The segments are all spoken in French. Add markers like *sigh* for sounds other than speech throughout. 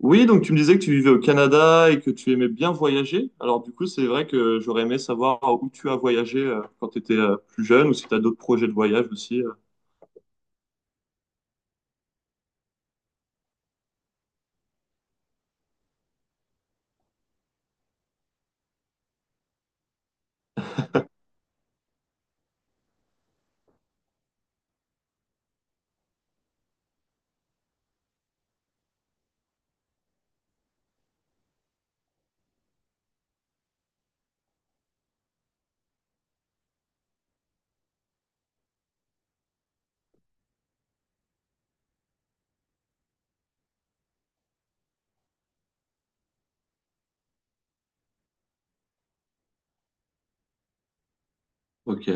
Oui, donc tu me disais que tu vivais au Canada et que tu aimais bien voyager. Alors du coup, c'est vrai que j'aurais aimé savoir où tu as voyagé quand tu étais plus jeune ou si tu as d'autres projets de voyage aussi. Ok.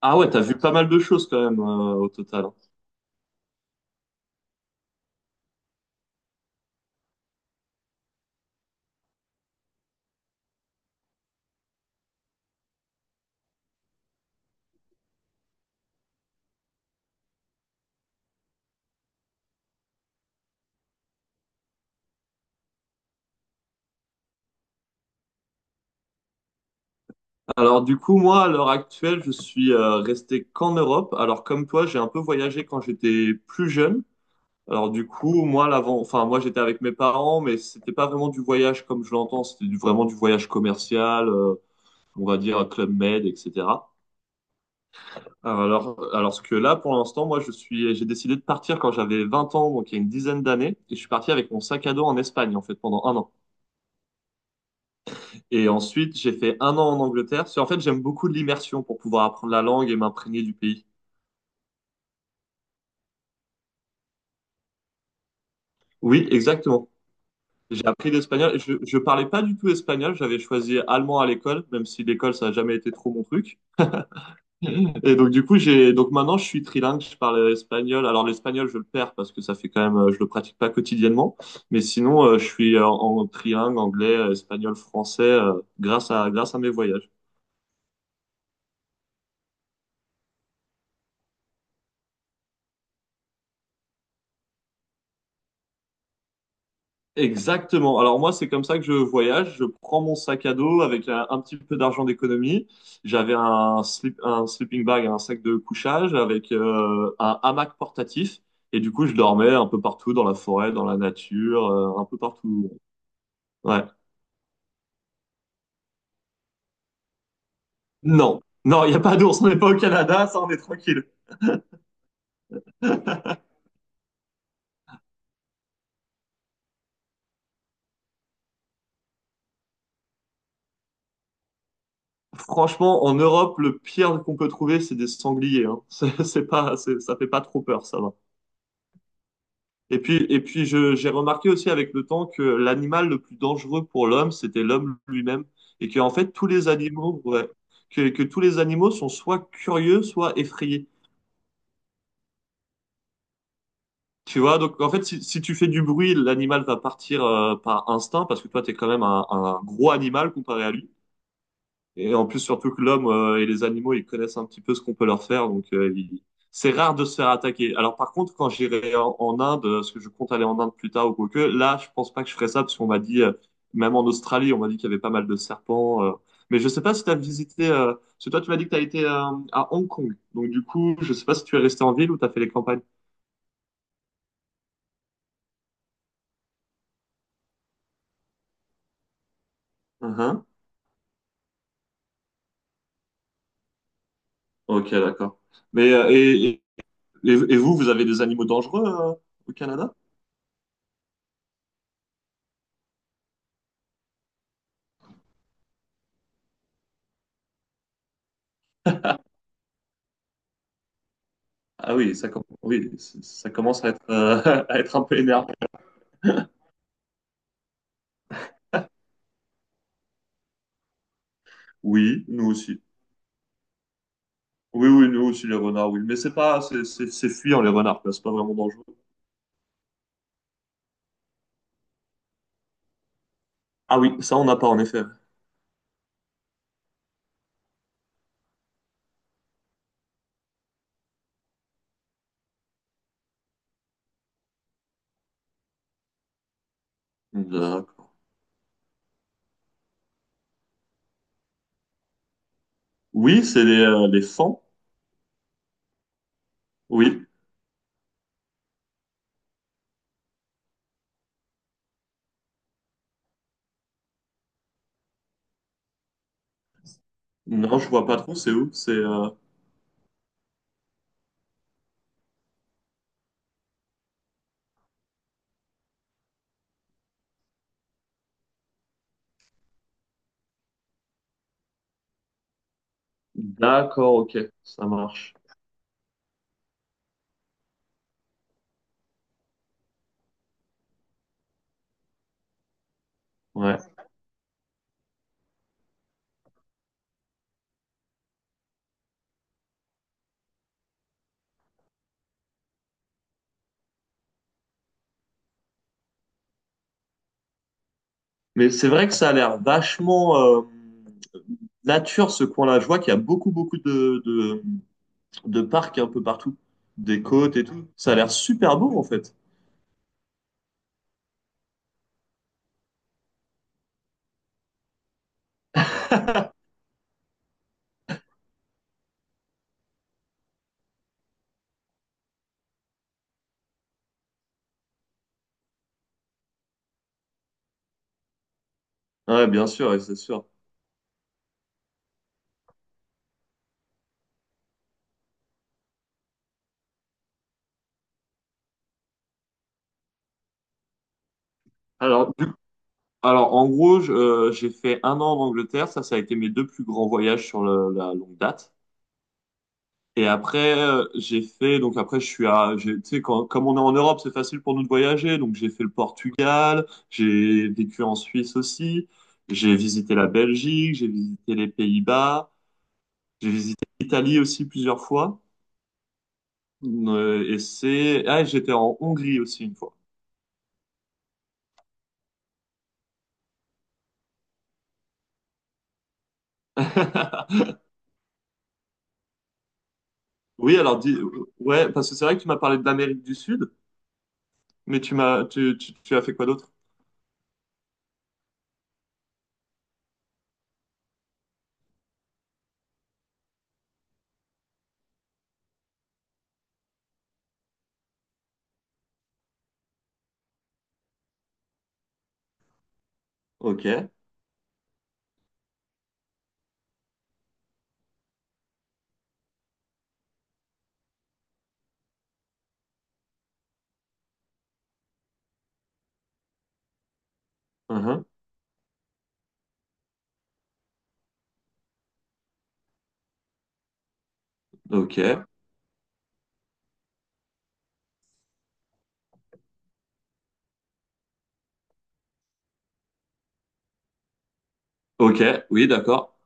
Ah ouais, t'as vu pas mal de choses quand même au total. Alors du coup, moi, à l'heure actuelle, je suis resté qu'en Europe. Alors comme toi, j'ai un peu voyagé quand j'étais plus jeune. Alors du coup, moi, l'avant, enfin moi, j'étais avec mes parents, mais c'était pas vraiment du voyage comme je l'entends. C'était vraiment du voyage commercial, on va dire Club Med, etc. Alors que là, pour l'instant, moi, j'ai décidé de partir quand j'avais 20 ans, donc il y a une dizaine d'années, et je suis parti avec mon sac à dos en Espagne, en fait, pendant un an. Et ensuite, j'ai fait un an en Angleterre. Parce que, en fait, j'aime beaucoup l'immersion pour pouvoir apprendre la langue et m'imprégner du pays. Oui, exactement. J'ai appris l'espagnol. Je parlais pas du tout espagnol. J'avais choisi allemand à l'école, même si l'école, ça n'a jamais été trop mon truc. *laughs* Et donc du coup j'ai donc maintenant je suis trilingue, je parle espagnol. Alors l'espagnol je le perds parce que ça fait quand même je le pratique pas quotidiennement, mais sinon je suis trilingue anglais, espagnol, français grâce à mes voyages. Exactement. Alors moi c'est comme ça que je voyage, je prends mon sac à dos avec un petit peu d'argent d'économie. J'avais un slip, un sleeping bag, un sac de couchage avec un hamac portatif et du coup je dormais un peu partout dans la forêt, dans la nature, un peu partout. Ouais. Non, non, il n'y a pas d'ours, on n'est pas au Canada, ça on est tranquille. Franchement, en Europe, le pire qu'on peut trouver, c'est des sangliers. Hein. *laughs* C'est pas, ça fait pas trop peur, ça va. Et puis j'ai remarqué aussi avec le temps que l'animal le plus dangereux pour l'homme, c'était l'homme lui-même. Et que, en fait, tous les animaux, ouais, que tous les animaux sont soit curieux, soit effrayés. Tu vois, donc en fait, si tu fais du bruit, l'animal va partir par instinct, parce que toi, t'es quand même un gros animal comparé à lui. Et en plus, surtout que l'homme et les animaux, ils connaissent un petit peu ce qu'on peut leur faire, donc c'est rare de se faire attaquer. Alors par contre, quand j'irai en Inde, parce que je compte aller en Inde plus tard ou quoi que, là, je pense pas que je ferai ça, parce qu'on m'a dit, même en Australie, on m'a dit qu'il y avait pas mal de serpents. Mais je sais pas si tu as visité, parce que toi, tu m'as dit que tu as été à Hong Kong, donc du coup, je sais pas si tu es resté en ville ou tu as fait les campagnes. Mhm. Ok, d'accord. Mais et vous, vous avez des animaux dangereux au Canada? Ah oui, ça, oui, ça commence à être, *laughs* à être un peu énervé. Oui, nous aussi. Oui, oui, nous aussi, les renards, oui. Mais c'est pas, c'est c'est fuyant, les renards, quoi. C'est pas vraiment dangereux. Ah oui, ça, on n'a pas, en effet. D'accord. Oui, c'est les fans. Oui. Non, je vois pas trop, c'est où? C'est, d'accord, ok, ça marche. Ouais. Mais c'est vrai que ça a l'air vachement, nature, ce coin-là. Je vois qu'il y a beaucoup, beaucoup de parcs un peu partout. Des côtes et tout. Ça a l'air super beau, en fait. Ouais, bien sûr, et c'est sûr. Alors, du- en gros, j'ai fait un an en Angleterre. Ça a été mes deux plus grands voyages sur la longue date. Et après, j'ai fait, donc après, je suis à, j'ai- tu sais, quand- comme on est en Europe, c'est facile pour nous de voyager. Donc, j'ai fait le Portugal, j'ai vécu en Suisse aussi, j'ai visité la Belgique, j'ai visité les Pays-Bas, j'ai visité l'Italie aussi plusieurs fois. Et c'est, ah, et j'étais en Hongrie aussi une fois. *laughs* Oui, alors dis, ouais, parce que c'est vrai que tu m'as parlé de l'Amérique du Sud, mais tu m'as, tu as fait quoi d'autre? Ok, uhum, ok, ok, oui, d'accord.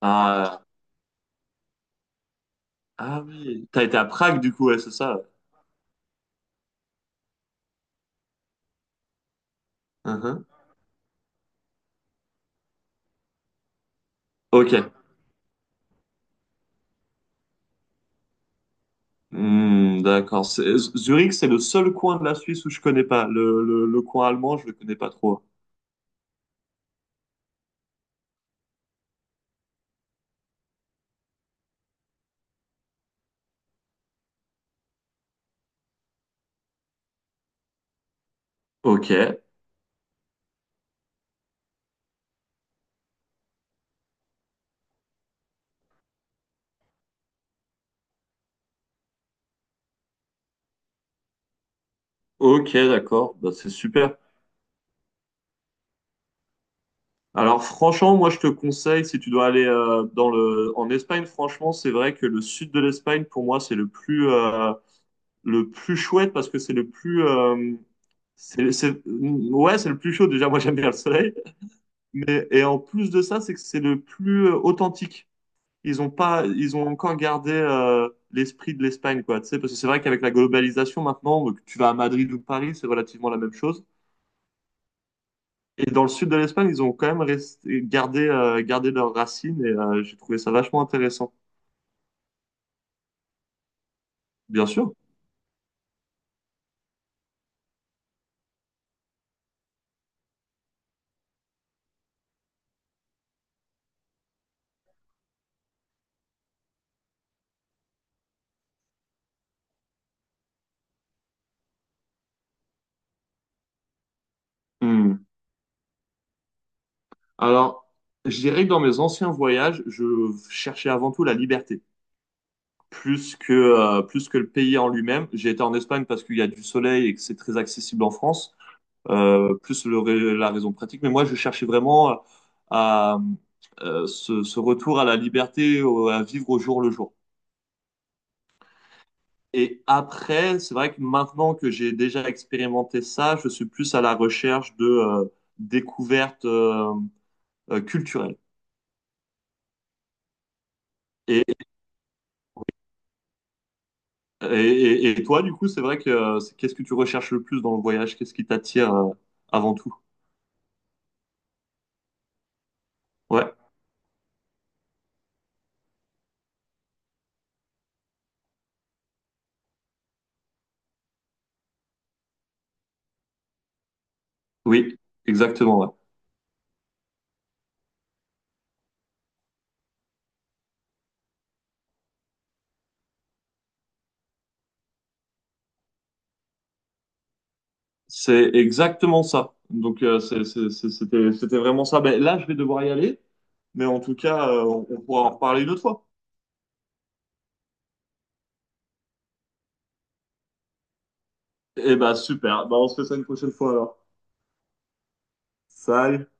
Ah, ah oui, t'as été à Prague du coup, ouais, c'est ça. Uhum. Ok, hmm, d'accord. C'est- Zurich, c'est le seul coin de la Suisse où je connais pas. Le coin allemand, je le connais pas trop. Ok, ok, d'accord. Bah, c'est super. Alors franchement, moi je te conseille, si tu dois aller en Espagne, franchement, c'est vrai que le sud de l'Espagne, pour moi, c'est le plus chouette parce que c'est le plus, ouais, c'est le plus chaud. Déjà, moi j'aime bien le soleil, mais et en plus de ça, c'est que c'est le plus authentique. Ils ont pas, ils ont encore gardé l'esprit de l'Espagne, quoi. Tu sais, parce que c'est vrai qu'avec la globalisation maintenant, que tu vas à Madrid ou Paris, c'est relativement la même chose. Et dans le sud de l'Espagne, ils ont quand même gardé, leurs racines et j'ai trouvé ça vachement intéressant. Bien sûr. Hmm. Alors, je dirais que dans mes anciens voyages, je cherchais avant tout la liberté, plus que le pays en lui-même. J'ai été en Espagne parce qu'il y a du soleil et que c'est très accessible en France, plus la raison pratique. Mais moi, je cherchais vraiment à, ce retour à la liberté, à vivre au jour le jour. Et après, c'est vrai que maintenant que j'ai déjà expérimenté ça, je suis plus à la recherche de découvertes culturelles. Et, et toi, du coup, c'est vrai que qu'est-ce que tu recherches le plus dans le voyage? Qu'est-ce qui t'attire avant tout? Ouais, oui, exactement, ouais. C'est exactement ça. Donc, c'était vraiment ça. Ben, là, je vais devoir y aller, mais en tout cas, on pourra en reparler une autre fois. Eh ben, super. Ben, on se fait ça une prochaine fois alors. Salut!